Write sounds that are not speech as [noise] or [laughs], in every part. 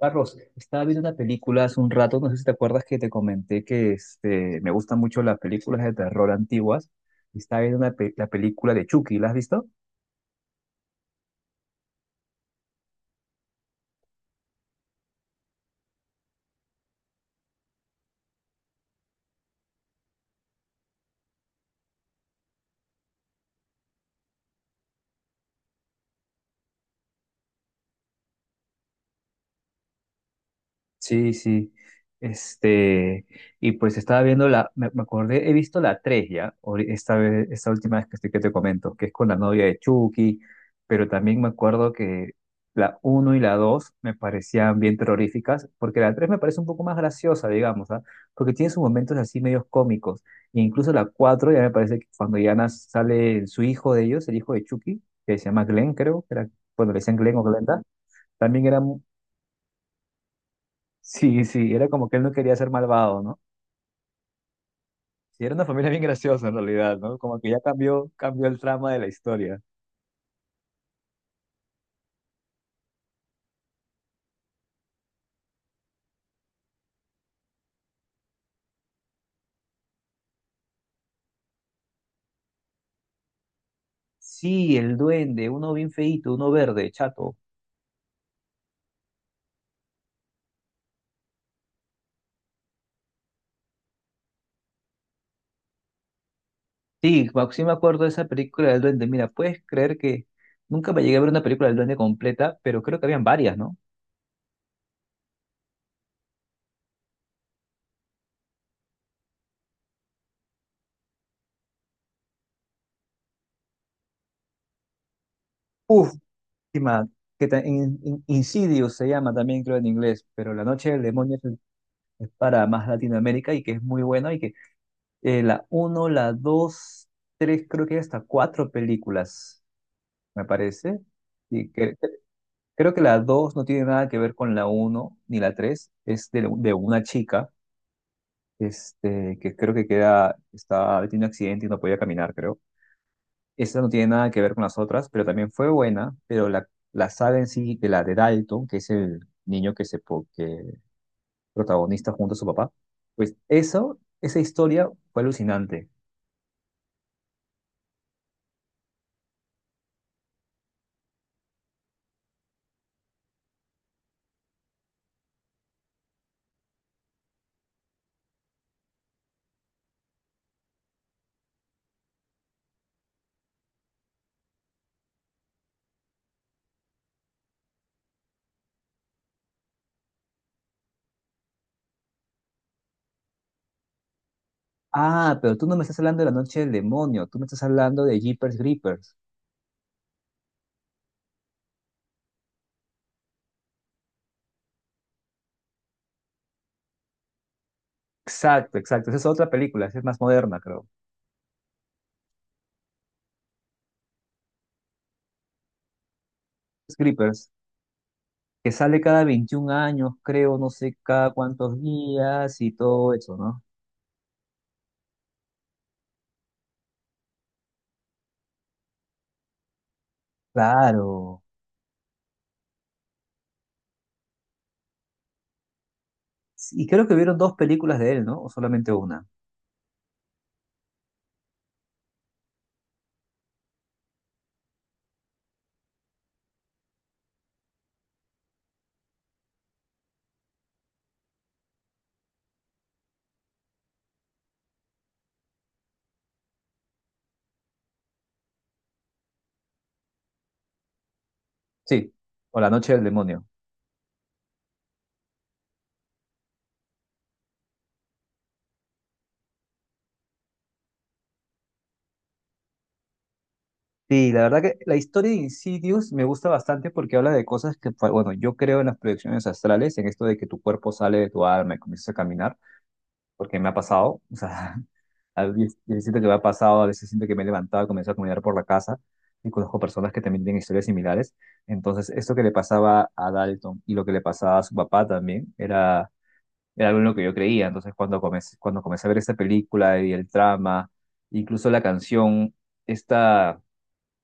Carlos, estaba viendo una película hace un rato, no sé si te acuerdas que te comenté que me gustan mucho las películas de terror antiguas. Estaba viendo una la película de Chucky, ¿la has visto? Sí, sí. Este, y pues estaba viendo me acordé, he visto la 3 ya, esta vez, esta última vez que estoy que te comento, que es con la novia de Chucky, pero también me acuerdo que la uno y la 2 me parecían bien terroríficas, porque la 3 me parece un poco más graciosa, digamos, ¿ah? Porque tiene sus momentos así medios cómicos, e incluso la 4 ya me parece que cuando ya sale su hijo de ellos, el hijo de Chucky, que se llama Glenn, creo, que era, bueno, le decían Glenn o Glenda, también era. Sí, sí, era como que él no quería ser malvado, ¿no? Sí, era una familia bien graciosa en realidad, ¿no? Como que ya cambió, cambió el trama de la historia. Sí, el duende, uno bien feíto, uno verde, chato. Sí, sí me acuerdo de esa película del duende. Mira, puedes creer que nunca me llegué a ver una película del duende completa, pero creo que habían varias, ¿no? Uf, última, que Insidious se llama también, creo, en inglés, pero La Noche del Demonio es para más Latinoamérica y que es muy bueno y que la uno, la dos, tres, creo que hay hasta cuatro películas, me parece. Y creo que la 2 no tiene nada que ver con la uno ni la tres. Es de una chica, que creo que queda, está, tiene un accidente y no podía caminar, creo. Esa no tiene nada que ver con las otras, pero también fue buena, pero la saga en sí, de la de Dalton, que es el niño que que protagonista junto a su papá, pues eso, esa historia fue alucinante. Ah, pero tú no me estás hablando de La Noche del Demonio, tú me estás hablando de Jeepers Creepers. Exacto, exacto. Esa es otra película, esa es más moderna, creo. Jeepers Creepers, que sale cada 21 años, creo, no sé cada cuántos días y todo eso, ¿no? Claro. Sí, y creo que vieron dos películas de él, ¿no? O solamente una. Sí, o La Noche del Demonio. Sí, la verdad que la historia de Insidious me gusta bastante porque habla de cosas que, pues, bueno, yo creo en las proyecciones astrales, en esto de que tu cuerpo sale de tu alma y comienzas a caminar. Porque me ha pasado, o sea, [laughs] a veces siento que me ha pasado, a veces siento que me he levantado, comienzo a caminar por la casa y conozco personas que también tienen historias similares. Entonces, esto que le pasaba a Dalton y lo que le pasaba a su papá también era, era algo en lo que yo creía. Entonces, cuando comencé a ver esta película y el trama, incluso la canción, esta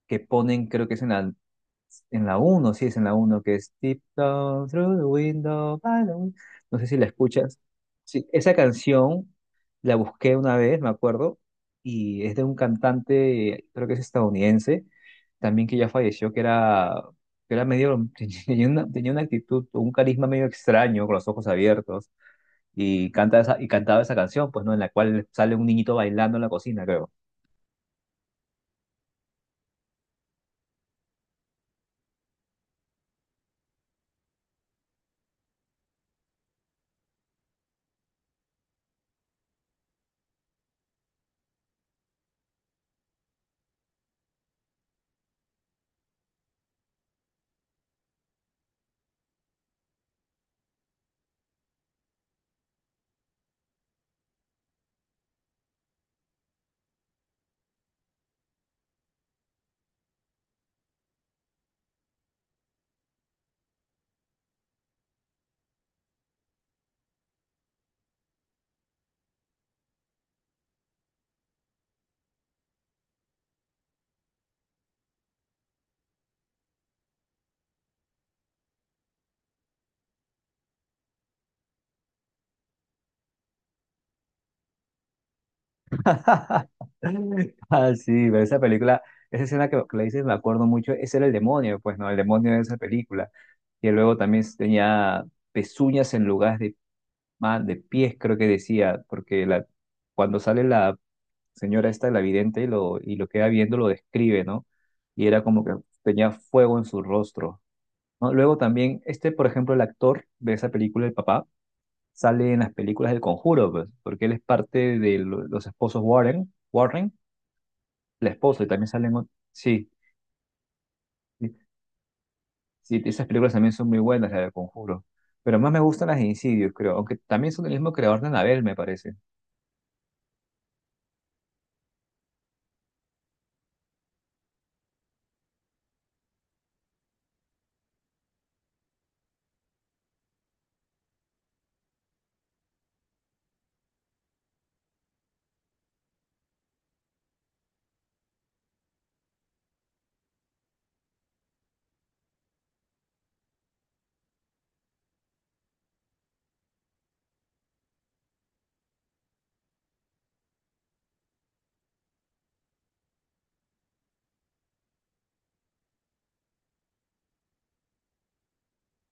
que ponen, creo que es en la uno, sí, es en la uno que es "Tiptoe through the window. By the win-".". No sé si la escuchas. Sí, esa canción la busqué una vez, me acuerdo, y es de un cantante, creo que es estadounidense, también que ya falleció, que era medio, [laughs] tenía una actitud, un carisma medio extraño, con los ojos abiertos, y canta esa, y cantaba esa canción, pues, ¿no? En la cual sale un niñito bailando en la cocina, creo. [laughs] Ah, sí, pero esa película, esa escena que le dices, me acuerdo mucho, ese era el demonio, pues, ¿no? El demonio de esa película. Y luego también tenía pezuñas en lugar de, de pies, creo que decía, porque la, cuando sale la señora esta, la vidente, y lo queda viendo, lo describe, ¿no? Y era como que tenía fuego en su rostro, ¿no? Luego también, por ejemplo, el actor de esa película, el papá, sale en las películas del Conjuro, pues, porque él es parte de los esposos Warren, Warren, la esposa, y también salen. Sí, sí, sí, esas películas también son muy buenas, la del Conjuro. Pero más me gustan las de Insidious, creo. Aunque también son del mismo creador de Annabelle, me parece.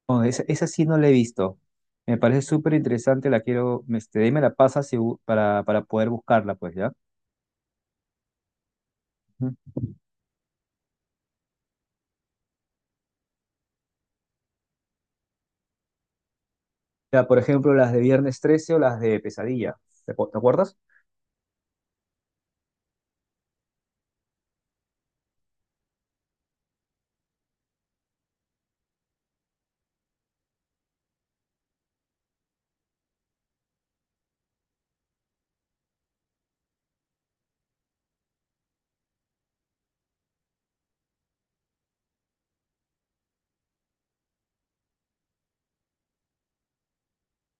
No, esa sí no la he visto. Me parece súper interesante, la quiero. De ahí me la pasas y para poder buscarla, pues, ¿ya? Ujú. Ya, por ejemplo, las de Viernes 13 o las de Pesadilla. ¿Te, te acuerdas?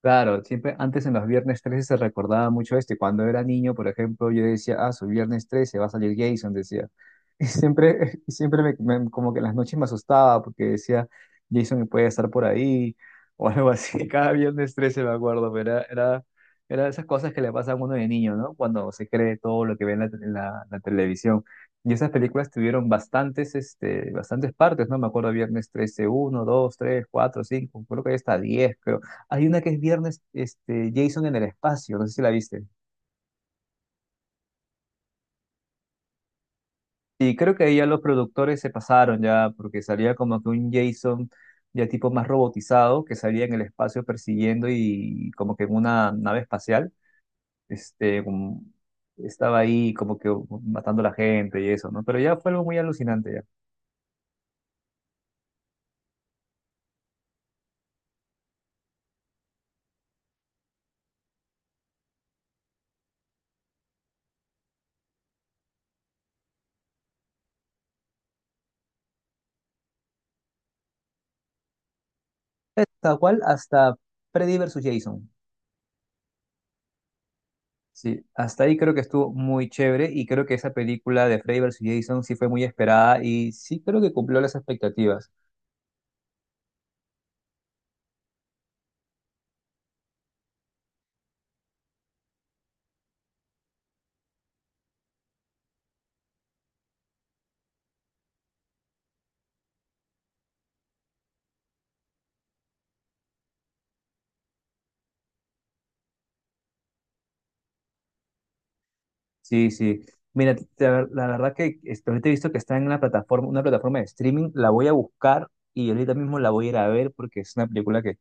Claro, siempre antes en los viernes trece se recordaba mucho esto. Y cuando era niño, por ejemplo, yo decía, ah, su viernes trece va a salir Jason, decía. Y siempre, [laughs] y siempre como que en las noches me asustaba porque decía, Jason puede estar por ahí [laughs] o algo así. [laughs] Cada viernes trece me acuerdo, pero era, era, era de esas cosas que le pasan a uno de niño, ¿no? Cuando se cree todo lo que ve en la televisión. Y esas películas tuvieron bastantes, bastantes partes, ¿no? Me acuerdo viernes trece uno, dos, tres, cuatro, cinco, creo que hay hasta 10, hay una que es viernes, Jason en el espacio, no sé si la viste. Y creo que ahí ya los productores se pasaron ya, porque salía como que un Jason ya tipo más robotizado, que salía en el espacio persiguiendo y como que en una nave espacial, este, como- estaba ahí como que matando a la gente y eso, ¿no? Pero ya fue algo muy alucinante ya. Hasta cual, hasta Freddy versus Jason. Sí, hasta ahí creo que estuvo muy chévere y creo que esa película de Freddy versus Jason sí fue muy esperada y sí creo que cumplió las expectativas. Sí, sí. Mira, la verdad que ahorita he visto que está en una plataforma de streaming, la voy a buscar y ahorita mismo la voy a ir a ver porque es una película que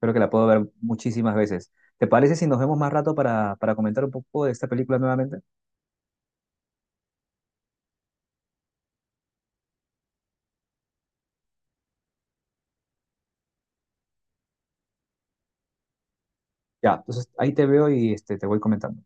creo que la puedo ver muchísimas veces. ¿Te parece si nos vemos más rato para comentar un poco de esta película nuevamente? Ya, entonces ahí te veo y te voy comentando.